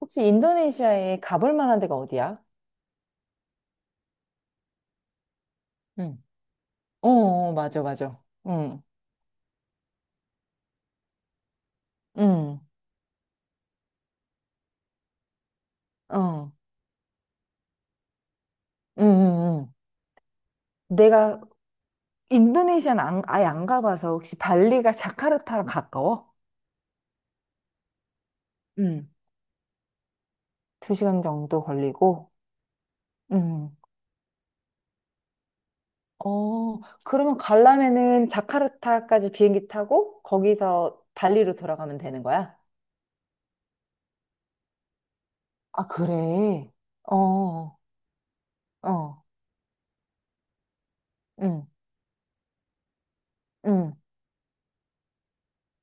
혹시 인도네시아에 가볼 만한 데가 어디야? 응. 어, 어, 맞아, 맞아. 응, 응, 어, 응, 응, 응. 내가 인도네시아는 아예 안 가봐서 혹시 발리가 자카르타랑 가까워? 응, 두 시간 정도 걸리고. 응. 어, 그러면 가려면은 자카르타까지 비행기 타고 거기서 발리로 돌아가면 되는 거야? 아, 그래. 어, 어, 응, 응.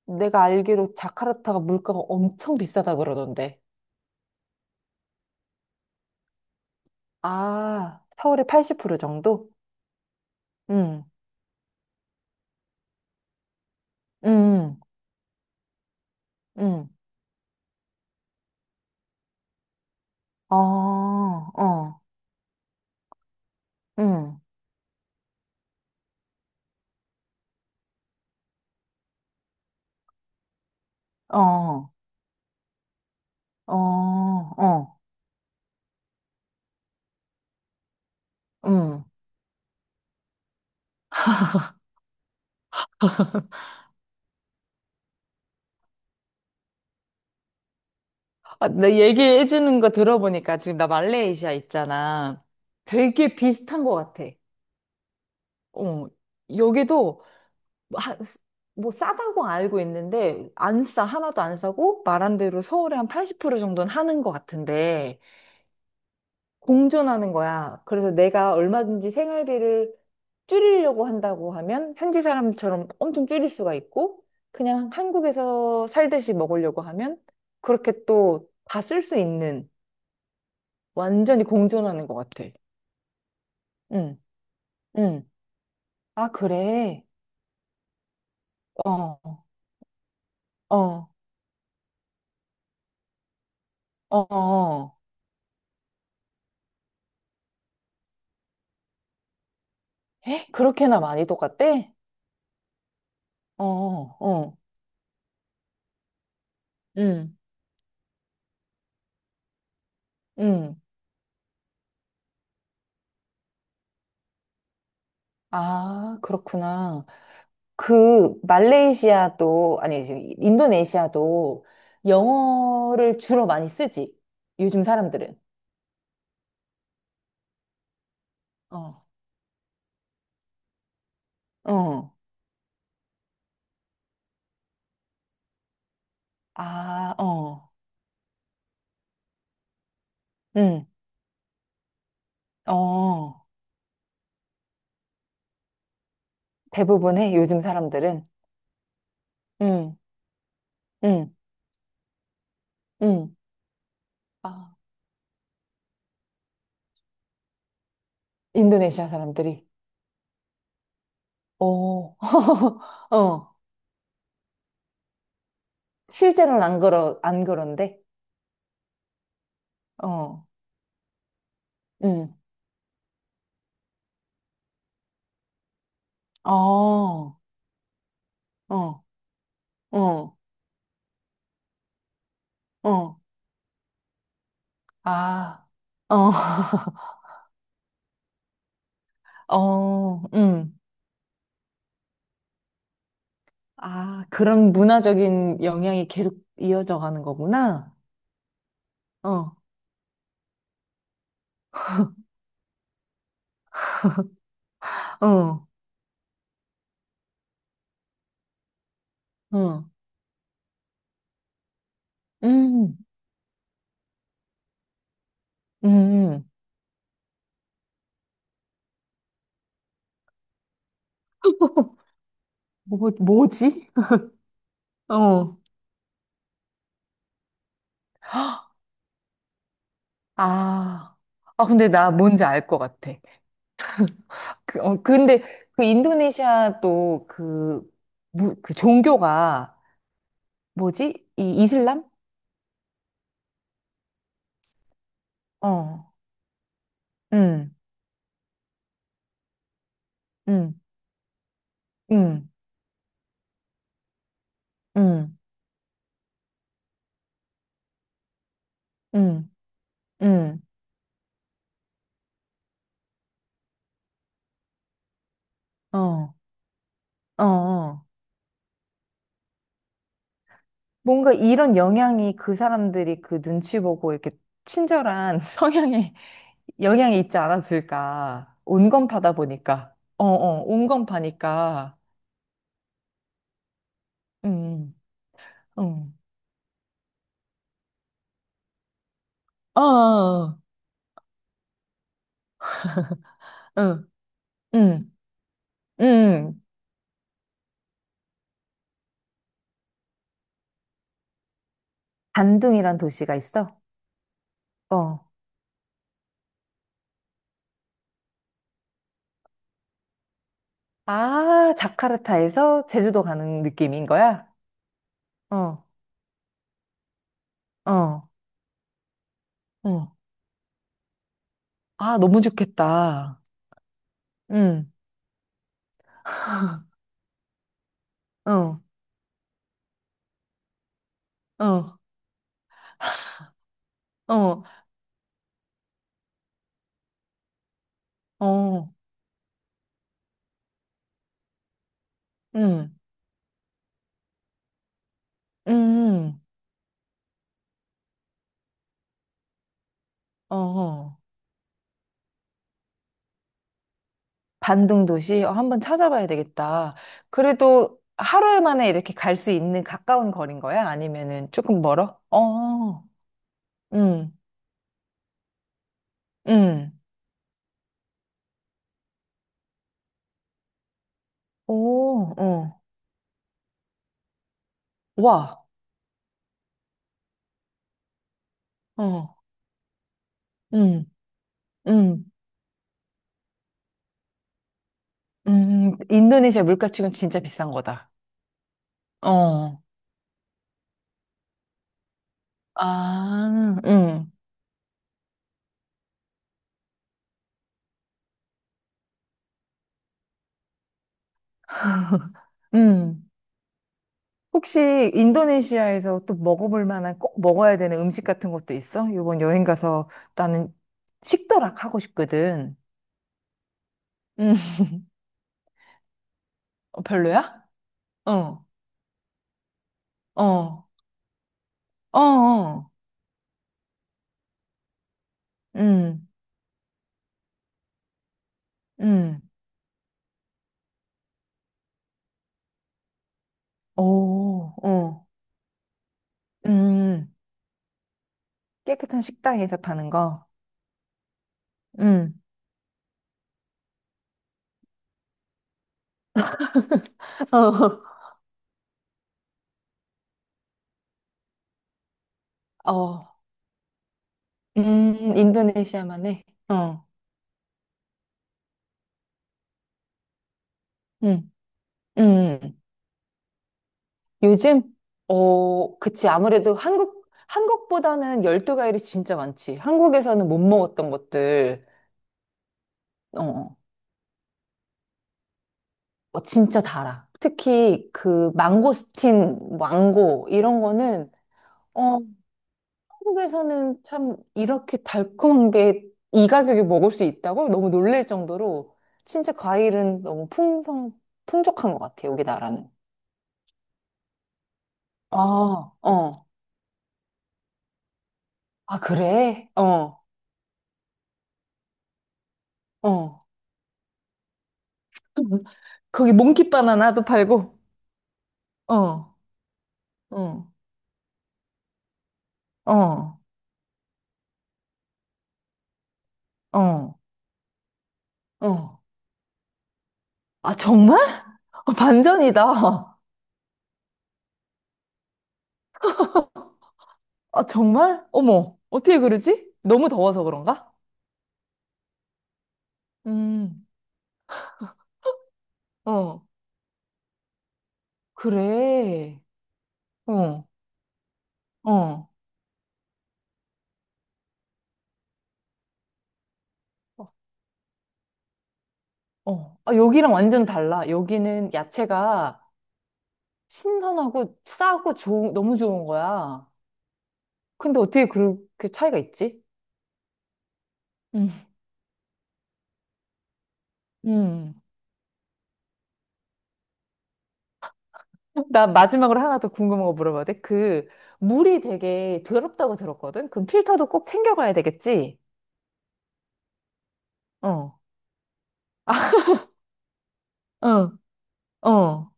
내가 알기로 자카르타가 물가가 엄청 비싸다 그러던데. 아, 서울의 80% 정도? 응, 응, 응. 어, 어, 응, 어, 어, 어, 응. 아, 나 얘기해주는 거 들어보니까 지금 나 말레이시아 있잖아. 되게 비슷한 것 같아. 어, 여기도 하- 뭐 싸다고 알고 있는데 안 싸, 하나도 안 싸고 말한 대로 서울의 한 80% 정도는 하는 것 같은데 공존하는 거야. 그래서 내가 얼마든지 생활비를 줄이려고 한다고 하면 현지 사람처럼 엄청 줄일 수가 있고 그냥 한국에서 살듯이 먹으려고 하면 그렇게 또 다 쓸 수 있는 완전히 공존하는 것 같아. 응, 응. 아, 그래. 어, 어, 어, 어. 에? 그렇게나 많이 똑같대? 어, 어, 어. 응, 응. 아, 그렇구나. 그 말레이시아도 아니 지금 인도네시아도 영어를 주로 많이 쓰지. 요즘 사람들은. 어. 어. 아, 어. 응. 어. 대부분의 요즘 사람들은 응. 응. 응. 아, 인도네시아 사람들이. 오. 어. 실제로는 안 그런데. 어. 응. 어. 어. 어. 어. 아. 어. 어. 응. 아, 그런 문화적인 영향이 계속 이어져 가는 거구나. 어, 어, 어. 음, 음. 뭐지? 어. 아, 근데 나 뭔지 알 것 같아. 그, 어, 근데 그 인도네시아 또 그, 그 종교가 뭐지? 이 이슬람? 어, 음, 음, 음, 음, 음, 음, 어, 어, 어. 뭔가 이런 영향이 그 사람들이 그 눈치 보고 이렇게 친절한 성향에 영향이 있지 않았을까. 온건파다 보니까. 어, 어, 온건파니까. 음, 음. 어, 어, 어, 어. 음, 음. 반둥이란 도시가 있어? 어. 아, 자카르타에서 제주도 가는 느낌인 거야? 어, 어, 어. 아, 너무 좋겠다. 음, 어, 어, 어, 어, 음. 음. 어허. 반등 도시 어, 한번 찾아봐야 되겠다. 그래도 하루 만에 이렇게 갈 수 있는 가까운 거리인 거야? 아니면은 조금 멀어? 어, 응, 응, 오, 어, 와, 어, 응, 응, 응, 인도네시아 물가치고는 진짜 비싼 거다. 어, 아, 응. 응. 혹시 인도네시아에서 또 먹어볼 만한 꼭 먹어야 되는 음식 같은 것도 있어? 이번 여행 가서 나는 식도락 하고 싶거든. 음, 어, 별로야? 어, 어, 어, 어, 음, 음, 오, 어, 음, 깨끗한 식당에서 파는 거, 음, 어, 어, 인도네시아만의, 어, 음, 음, 요즘, 어, 그치, 아무래도 한국, 한국보다는 열대과일이 진짜 많지. 한국에서는 못 먹었던 것들, 어, 어, 진짜 달아. 특히 그 망고스틴, 망고, 이런 거는 어, 한국에서는 참 이렇게 달콤한 게 이 가격에 먹을 수 있다고 너무 놀랄 정도로 진짜 과일은 풍족한 것 같아, 여기 나라는. 아, 어. 아, 그래? 어, 어. 거기 몽키 바나나도 팔고, 어, 어, 어, 어, 어. 아, 정말? 아, 반전이다. 아, 정말? 어머, 어떻게 그러지? 너무 더워서 그런가? 음, 어, 그래. 어, 어. 어. 아, 여기랑 완전 달라. 여기는 야채가 신선하고 싸고 좋은, 너무 좋은 거야. 근데 어떻게 그렇게 차이가 있지? 음. 음. 나 마지막으로 하나 더 궁금한 거 물어봐도 돼? 그, 물이 되게 더럽다고 들었거든? 그럼 필터도 꼭 챙겨가야 되겠지? 어. 어, 어,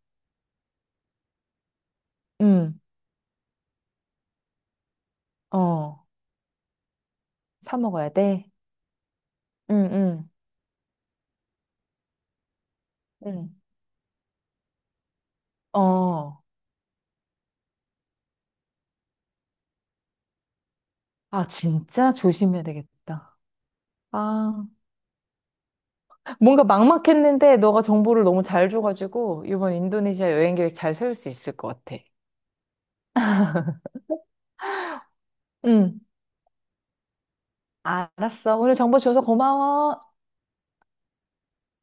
음, 어. 사 먹어야 돼? 응, 응, 응. 어. 아, 진짜 조심해야 되겠다. 아. 뭔가 막막했는데 너가 정보를 너무 잘 줘가지고 이번 인도네시아 여행 계획 잘 세울 수 있을 것 같아. 응, 알았어. 오늘 정보 줘서 고마워.